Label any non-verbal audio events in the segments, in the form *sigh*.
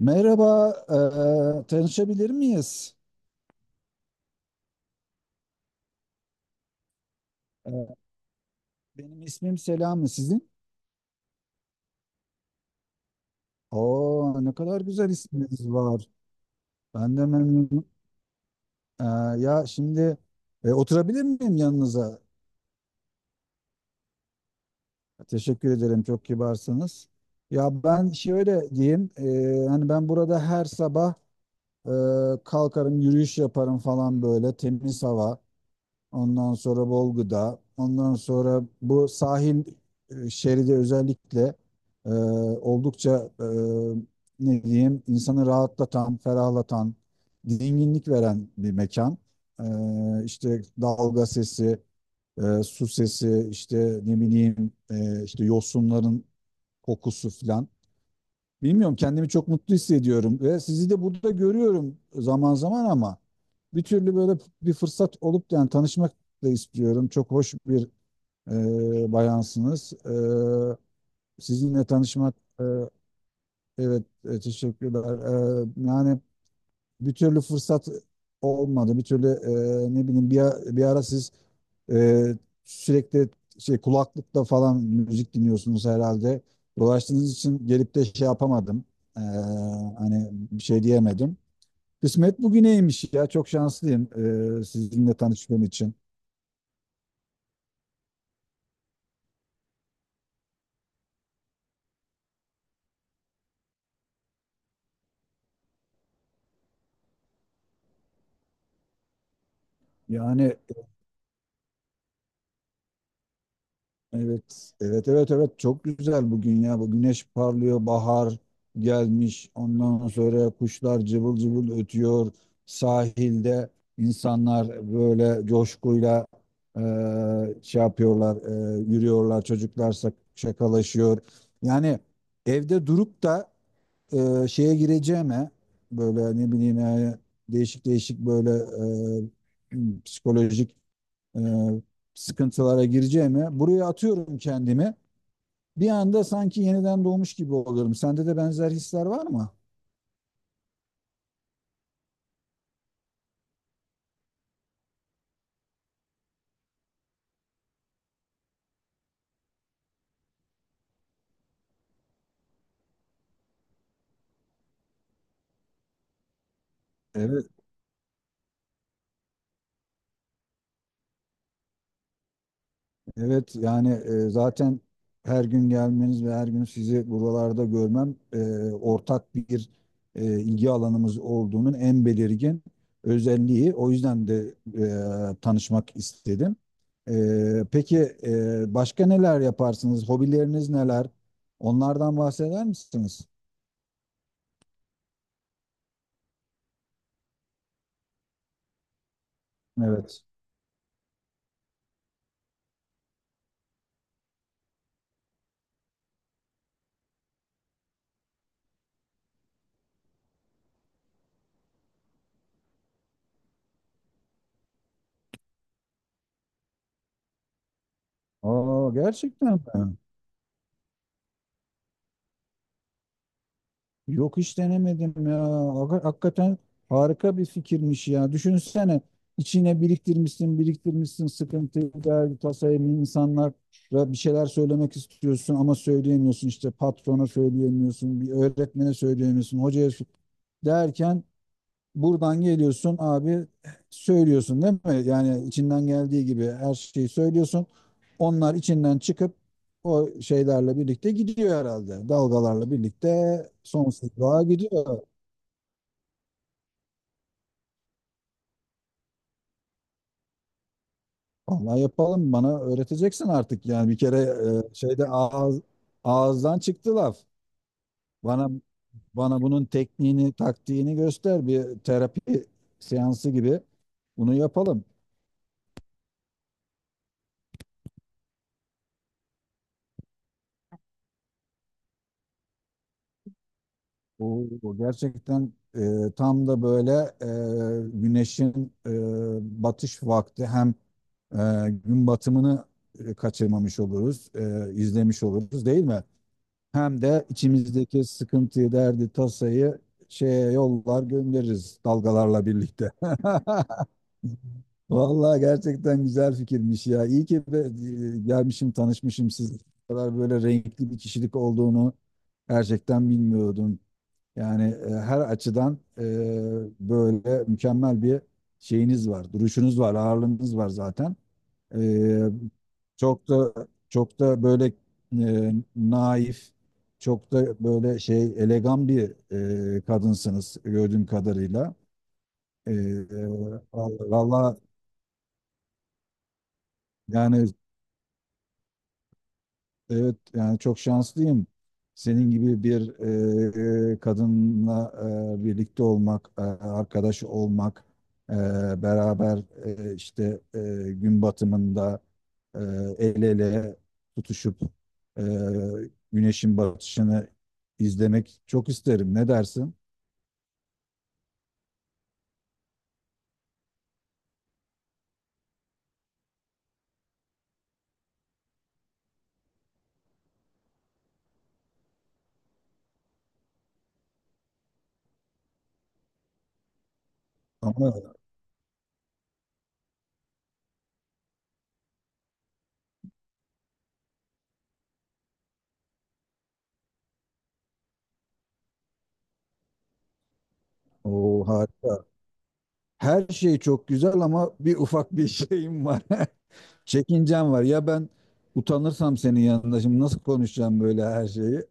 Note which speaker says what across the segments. Speaker 1: Merhaba, tanışabilir miyiz? Eee, benim ismim Selami, sizin? Oo, ne kadar güzel isminiz var. Ben de memnunum. Eee, ya şimdi oturabilir miyim yanınıza? Teşekkür ederim, çok kibarsınız. Ya ben şöyle diyeyim, hani ben burada her sabah eee, kalkarım, yürüyüş yaparım falan böyle, temiz hava. Ondan sonra bol gıda. Ondan sonra bu sahil şeridi özellikle e, oldukça ne diyeyim insanı rahatlatan, ferahlatan, dinginlik veren bir mekan. İşte dalga sesi, su sesi, işte ne bileyim işte yosunların kokusu filan. Bilmiyorum, kendimi çok mutlu hissediyorum ve sizi de burada görüyorum zaman zaman, ama bir türlü böyle bir fırsat olup yani tanışmak da istiyorum. Çok hoş bir bayansınız. Sizinle tanışmak evet teşekkürler. Yani bir türlü fırsat olmadı. Bir türlü ne bileyim bir ara siz e, sürekli şey, kulaklıkla falan müzik dinliyorsunuz herhalde. Dolaştığınız için gelip de şey yapamadım. E, Hani bir şey diyemedim. Kısmet bugüneymiş ya. Çok şanslıyım sizinle tanıştığım için. Yani, evet, evet, evet, evet. Çok güzel bugün ya. Bu güneş parlıyor, bahar gelmiş. Ondan sonra kuşlar cıvıl cıvıl ötüyor. Sahilde insanlar böyle coşkuyla şey yapıyorlar, yürüyorlar. Çocuklar şakalaşıyor. Yani evde durup da şeye gireceğime, böyle ne bileyim yani değişik değişik böyle eee, psikolojik e, sıkıntılara gireceğime, buraya atıyorum kendimi. Bir anda sanki yeniden doğmuş gibi oluyorum. Sende de benzer hisler var mı? Evet. Evet, yani zaten her gün gelmeniz ve her gün sizi buralarda görmem ortak bir ilgi alanımız olduğunun en belirgin özelliği. O yüzden de tanışmak istedim. Peki başka neler yaparsınız? Hobileriniz neler? Onlardan bahseder misiniz? Evet. Aa, gerçekten mi? Yok, hiç denemedim ya. Hakikaten harika bir fikirmiş ya. Düşünsene, içine biriktirmişsin, biriktirmişsin sıkıntıyı, derdi, tasayı, insanlara bir şeyler söylemek istiyorsun ama söyleyemiyorsun, işte patrona söyleyemiyorsun, bir öğretmene söyleyemiyorsun, hocaya derken, buradan geliyorsun abi, söylüyorsun değil mi? Yani içinden geldiği gibi her şeyi söylüyorsun. Onlar içinden çıkıp o şeylerle birlikte gidiyor herhalde. Dalgalarla birlikte sonsuzluğa gidiyor. Vallahi yapalım, bana öğreteceksin artık yani, bir kere şeyde ağızdan çıktı laf. Bana bana bunun tekniğini, taktiğini göster, bir terapi seansı gibi. Bunu yapalım. Oo, gerçekten tam da böyle güneşin batış vakti, hem gün batımını kaçırmamış oluruz, izlemiş oluruz değil mi? Hem de içimizdeki sıkıntıyı, derdi, tasayı şeye yollar göndeririz dalgalarla birlikte. *laughs* Vallahi gerçekten güzel fikirmiş ya. İyi ki gelmişim, tanışmışım sizle. Bu kadar böyle renkli bir kişilik olduğunu gerçekten bilmiyordum. Yani her açıdan böyle mükemmel bir şeyiniz var, duruşunuz var, ağırlığınız var zaten. E, Çok da çok da böyle naif, çok da böyle şey elegan bir kadınsınız gördüğüm kadarıyla. E, e, Vallahi yani. Evet, yani çok şanslıyım. Senin gibi bir kadınla birlikte olmak, arkadaş olmak, e, beraber işte gün batımında e, el ele tutuşup e, güneşin batışını izlemek çok isterim. Ne dersin? Ama o harika. Her şey çok güzel, ama bir ufak bir şeyim var. *laughs* Çekincem var. Ya ben utanırsam senin yanında, şimdi nasıl konuşacağım böyle her şeyi?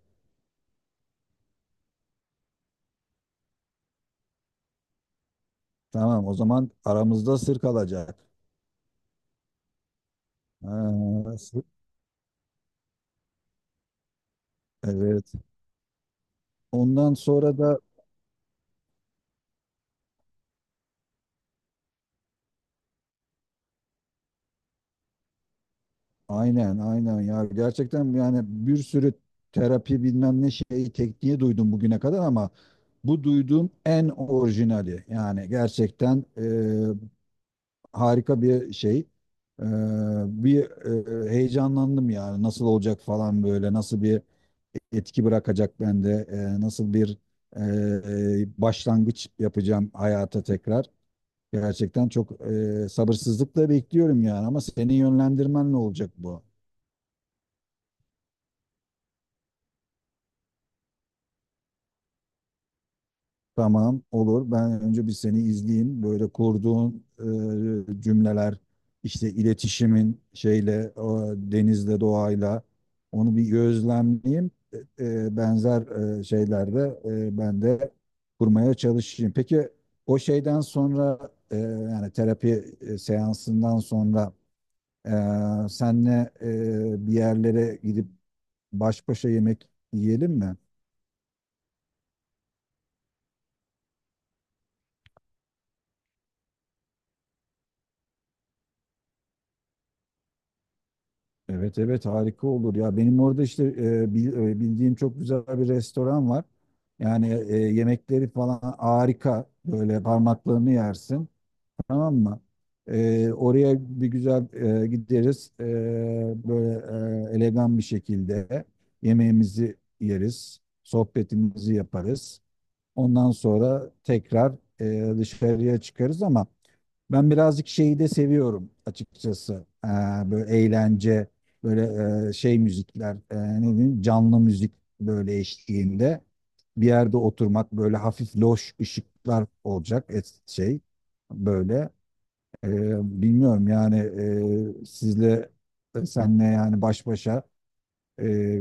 Speaker 1: Tamam, o zaman aramızda sır kalacak. Ha, sır. Evet. Ondan sonra da aynen, aynen ya, gerçekten yani bir sürü terapi bilmem ne şeyi, tekniği duydum bugüne kadar, ama bu duyduğum en orijinali yani, gerçekten harika bir şey. E, Bir heyecanlandım yani, nasıl olacak falan, böyle nasıl bir etki bırakacak bende, nasıl bir e, başlangıç yapacağım hayata tekrar. Gerçekten çok sabırsızlıkla bekliyorum yani, ama seni yönlendirmen ne olacak bu? Tamam, olur, ben önce bir seni izleyeyim, böyle kurduğun cümleler, işte iletişimin şeyle, o denizle, doğayla, onu bir gözlemleyeyim. Benzer şeylerde ben de kurmaya çalışayım. Peki o şeyden sonra, yani terapi seansından sonra senle bir yerlere gidip baş başa yemek yiyelim mi? Evet, evet, harika olur ya. Benim orada işte bildiğim çok güzel bir restoran var. Yani yemekleri falan harika. Böyle parmaklarını yersin. Tamam mı? Oraya bir güzel gideriz. Böyle elegan bir şekilde yemeğimizi yeriz. Sohbetimizi yaparız. Ondan sonra tekrar dışarıya çıkarız, ama ben birazcık şeyi de seviyorum açıkçası. Böyle eğlence, böyle şey müzikler, ne diyeyim, canlı müzik böyle eşliğinde bir yerde oturmak, böyle hafif loş ışıklar olacak, et, şey böyle. Bilmiyorum yani, e, sizle senle yani baş başa e,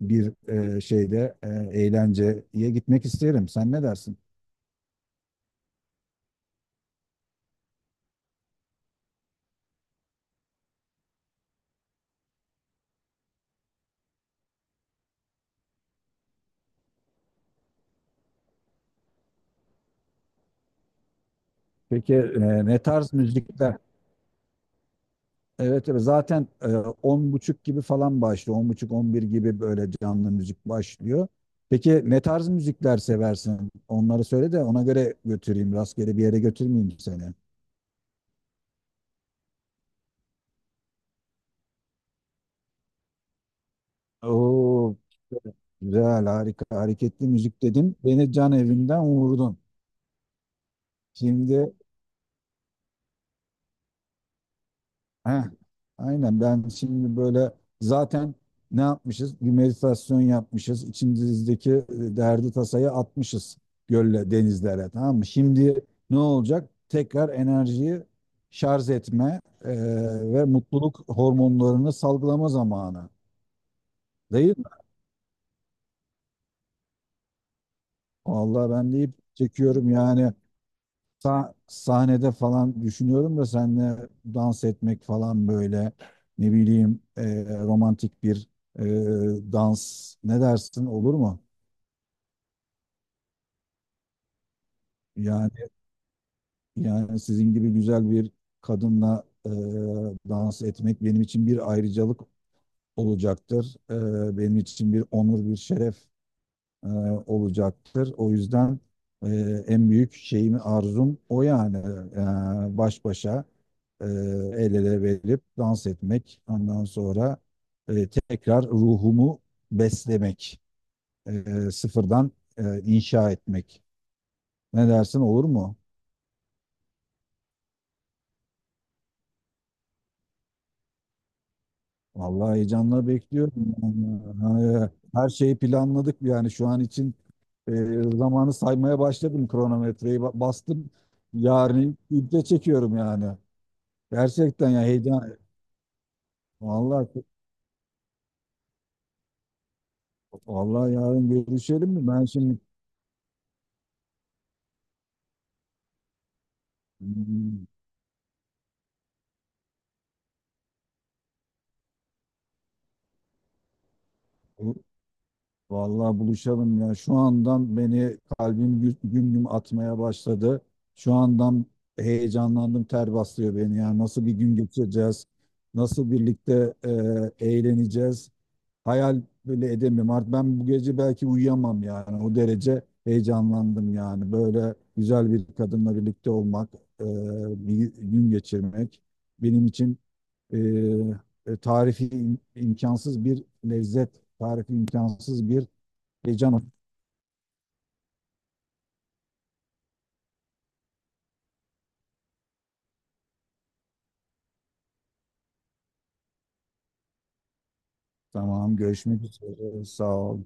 Speaker 1: bir şeyde eğlenceye gitmek isterim. Sen ne dersin? Peki ne tarz müzikler? Evet, evet, zaten 10:30 gibi falan başlıyor. 10:30-11 gibi böyle canlı müzik başlıyor. Peki ne tarz müzikler seversin? Onları söyle de ona göre götüreyim. Rastgele bir yere götürmeyeyim seni. Oo, güzel, harika, hareketli müzik dedin. Beni can evinden vurdun. Şimdi. Heh, aynen, ben şimdi böyle zaten, ne yapmışız? Bir meditasyon yapmışız. İçimizdeki derdi, tasayı atmışız gölle, denizlere, tamam mı? Şimdi ne olacak? Tekrar enerjiyi şarj etme ve mutluluk hormonlarını salgılama zamanı. Değil mi? Vallahi ben deyip çekiyorum yani. Sahnede falan düşünüyorum da seninle dans etmek falan, böyle ne bileyim romantik bir e, dans, ne dersin, olur mu? Yani yani sizin gibi güzel bir kadınla dans etmek benim için bir ayrıcalık olacaktır. Benim için bir onur, bir şeref e, olacaktır. O yüzden e, en büyük şeyim, arzum o yani. Baş başa el ele verip dans etmek. Ondan sonra tekrar ruhumu beslemek, sıfırdan inşa etmek. Ne dersin, olur mu? Vallahi heyecanla bekliyorum. Yani her şeyi planladık yani, şu an için e, zamanı saymaya başladım, kronometreyi bastım. Yarın iple çekiyorum yani. Gerçekten ya, heyecan. Vallahi vallahi yarın görüşelim mi? Ben şimdi. Hmm. bu- Vallahi buluşalım ya. Şu andan beni kalbim güm güm atmaya başladı. Şu andan heyecanlandım, ter bastırıyor beni ya. Nasıl bir gün geçireceğiz? Nasıl birlikte eğleneceğiz? Hayal böyle edemiyorum. Artık ben bu gece belki uyuyamam yani. O derece heyecanlandım yani. Böyle güzel bir kadınla birlikte olmak, e, bir gün geçirmek benim için e, tarifi imkansız bir lezzet, tarifi imkansız bir heyecan. Tamam, görüşmek üzere. Sağ ol.